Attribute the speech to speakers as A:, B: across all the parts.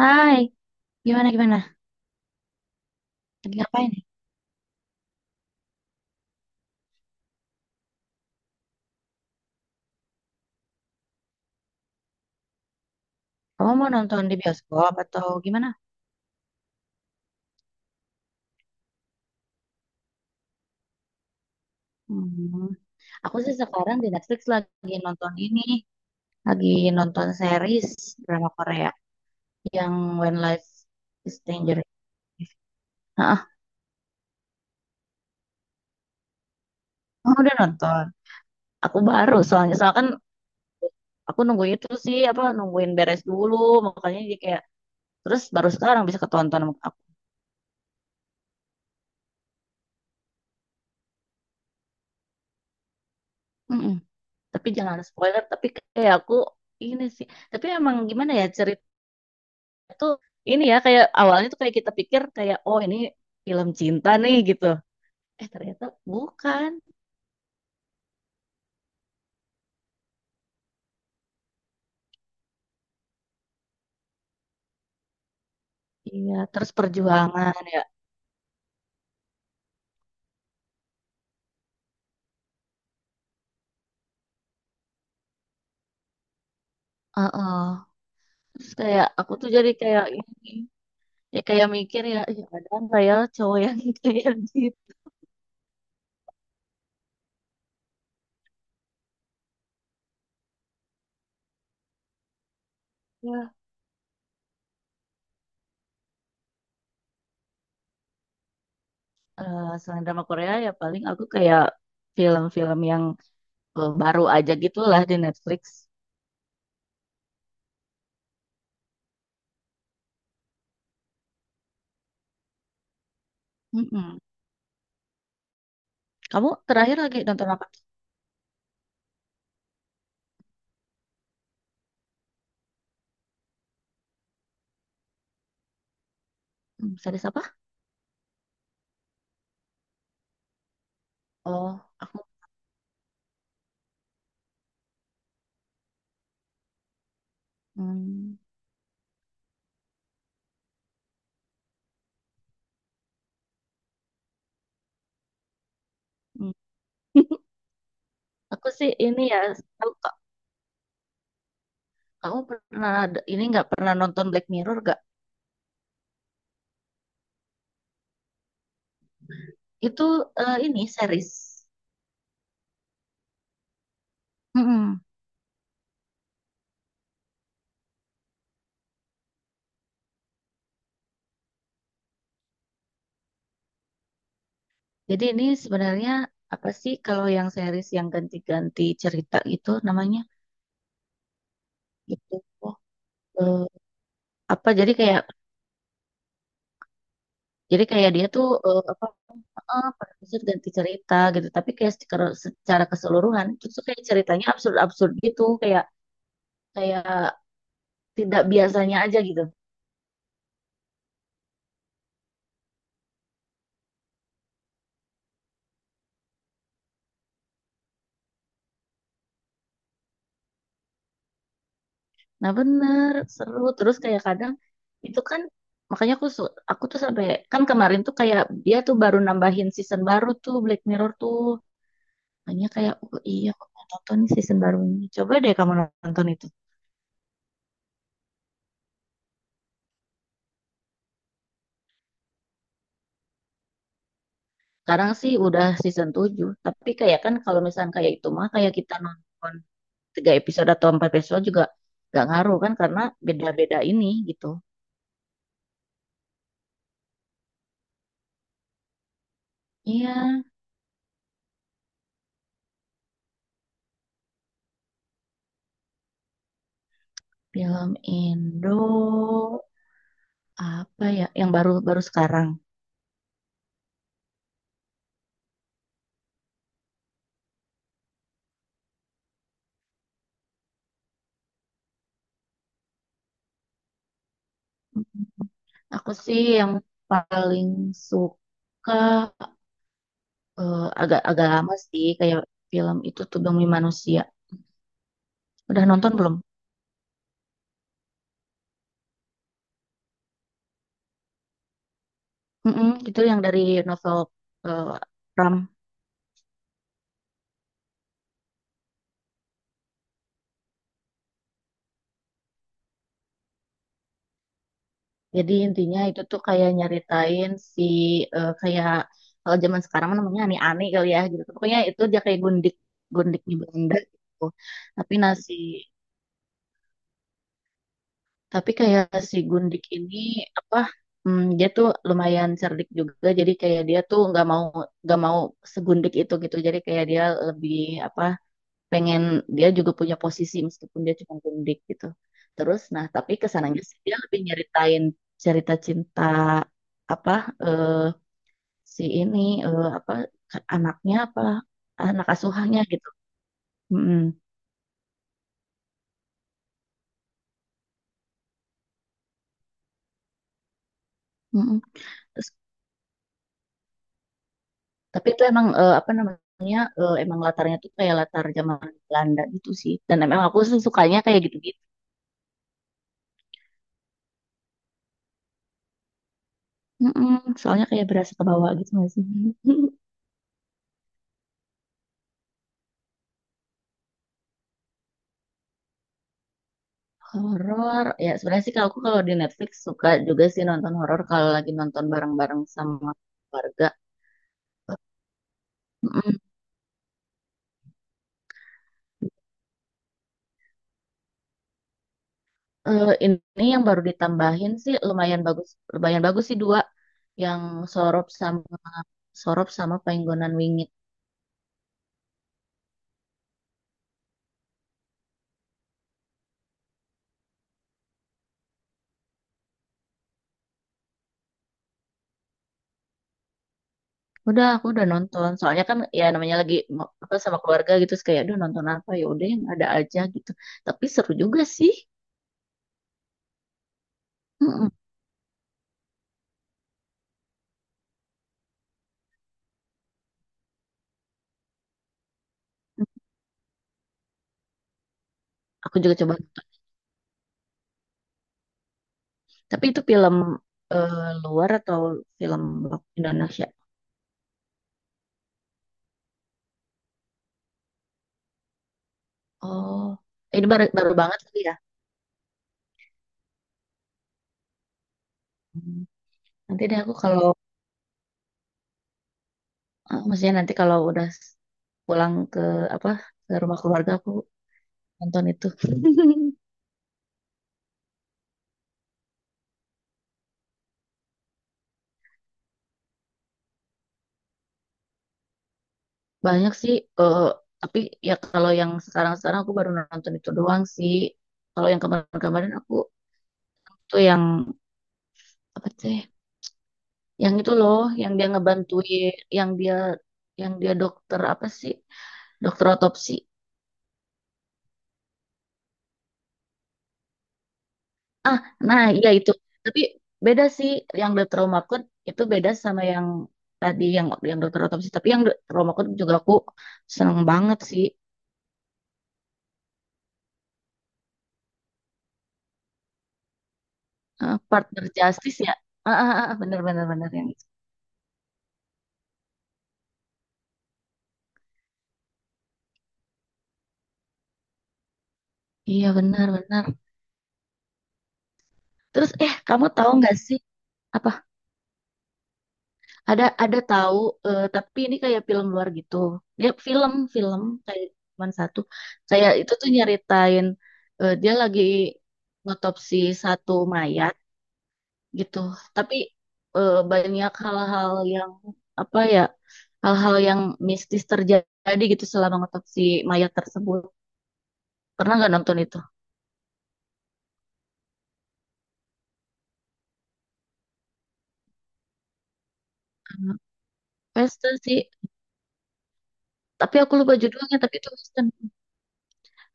A: Hai, gimana gimana? Lagi ngapain nih? Kamu mau nonton di bioskop atau gimana? Hmm, aku sih sekarang di Netflix lagi nonton ini, lagi nonton series drama Korea yang When Life is Stranger. Ah, kamu udah nonton? Aku baru soalnya soalnya kan aku nunggu itu sih apa nungguin beres dulu makanya jadi kayak terus baru sekarang bisa ketonton sama aku. Mm-mm. Tapi jangan spoiler, tapi kayak aku ini sih. Tapi emang gimana ya tuh ini ya kayak awalnya tuh kayak kita pikir kayak, oh, ini film cinta nih gitu. Eh ternyata bukan. Iya, terus perjuangan ya. Heeh. Terus kayak aku tuh jadi kayak ini ya kayak mikir ya, "Ih, ada nggak ya cowok yang kayak gitu." Ya, selain drama Korea ya paling aku kayak film-film yang baru aja gitulah di Netflix. Mm-mm. Kamu terakhir lagi nonton apa? Series apa? Oh, aku. Hmm. Hmm. Aku sih ini ya, tahu kak, kamu pernah ini nggak pernah nonton Black Mirror gak? Itu ini series. Mm-mm. Jadi ini sebenarnya apa sih kalau yang series yang ganti-ganti cerita gitu namanya? Gitu. Oh, eh, apa jadi kayak dia tuh apa per episode ganti cerita gitu. Tapi kayak secara keseluruhan itu tuh kayak ceritanya absurd-absurd gitu kayak kayak tidak biasanya aja gitu. Nah bener, seru. Terus kayak kadang itu kan makanya aku tuh sampai kan kemarin tuh kayak dia tuh baru nambahin season baru tuh Black Mirror tuh. Makanya kayak, oh iya, aku mau nonton nih season barunya. Coba deh kamu nonton itu. Sekarang sih udah season 7 tapi kayak kan kalau misalnya kayak itu mah kayak kita nonton 3 episode atau 4 episode juga gak ngaruh kan karena beda-beda ini gitu. Iya, film Indo apa ya yang baru-baru sekarang. Aku sih yang paling suka agak-agak lama sih kayak film itu tuh Bumi Manusia. Udah nonton belum? Itu yang dari novel eh, Ram. Jadi intinya itu tuh kayak nyeritain si kayak kalau zaman sekarang mah namanya ani-ani kali ya gitu. Pokoknya itu dia kayak gundiknya Belanda gitu. Tapi nasi Tapi kayak si Gundik ini apa, dia tuh lumayan cerdik juga jadi kayak dia tuh nggak mau segundik itu gitu, jadi kayak dia lebih apa pengen dia juga punya posisi meskipun dia cuma gundik gitu, terus nah tapi kesananya sih dia lebih nyeritain cerita cinta apa eh, si ini apa anaknya apa anak asuhannya gitu. Mm-mm. Mm-mm. Terus tapi itu emang apa namanya, emang latarnya tuh kayak latar zaman Belanda gitu sih. Dan emang aku sih sukanya kayak gitu-gitu. Mm-mm, soalnya kayak berasa ke bawah gitu nggak sih? Horor. Ya sebenarnya sih kalau aku kalau di Netflix suka juga sih nonton horor kalau lagi nonton bareng-bareng sama keluarga. Mm-mm. Ini yang baru ditambahin sih lumayan bagus sih dua yang sorop sama Sorop sama Penggonan Wingit. Udah, aku udah nonton. Soalnya kan ya namanya lagi apa sama keluarga gitu, terus kayak aduh nonton apa ya udah yang ada aja gitu. Tapi seru juga sih. Mm-mm. Aku juga coba nonton. Tapi itu film eh, luar atau film Indonesia? Oh, ini baru baru banget lagi ya. Hmm. Nanti deh aku kalau maksudnya nanti kalau udah pulang ke apa ke rumah keluarga aku nonton itu. Banyak sih, eh, tapi ya kalau yang sekarang-sekarang aku baru nonton itu doang sih. Kalau yang kemarin-kemarin aku tuh yang apa sih? Yang itu loh, yang dia ngebantuin, yang dia dokter apa sih? Dokter otopsi. Ah, nah iya itu. Tapi beda sih yang dokter trauma code itu beda sama yang tadi yang dokter otopsi. Tapi yang The Trauma Code juga aku seneng banget sih. Eh, partner justice ya. Ah, ah, ah, ah, bener bener bener yang itu. Iya benar benar. Terus eh kamu tahu nggak sih apa ada tahu tapi ini kayak film luar gitu. Dia film film kayak cuma satu. Kayak itu tuh nyeritain, dia lagi otopsi satu mayat gitu. Tapi banyak hal-hal yang apa ya hal-hal yang mistis terjadi gitu selama otopsi mayat tersebut. Pernah nggak nonton itu? Western sih. Tapi aku lupa judulnya, tapi itu Western.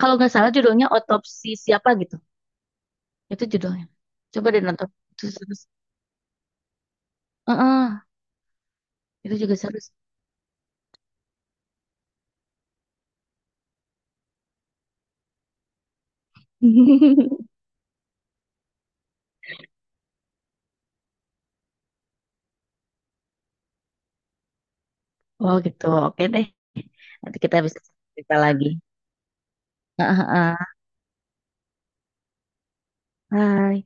A: Kalau nggak salah judulnya Otopsi Siapa gitu. Itu judulnya. Coba deh nonton. Itu seru. Heeh, itu juga seru sih. Oh gitu, oke deh. Nanti kita bisa cerita lagi. Heeh, heeh. Bye.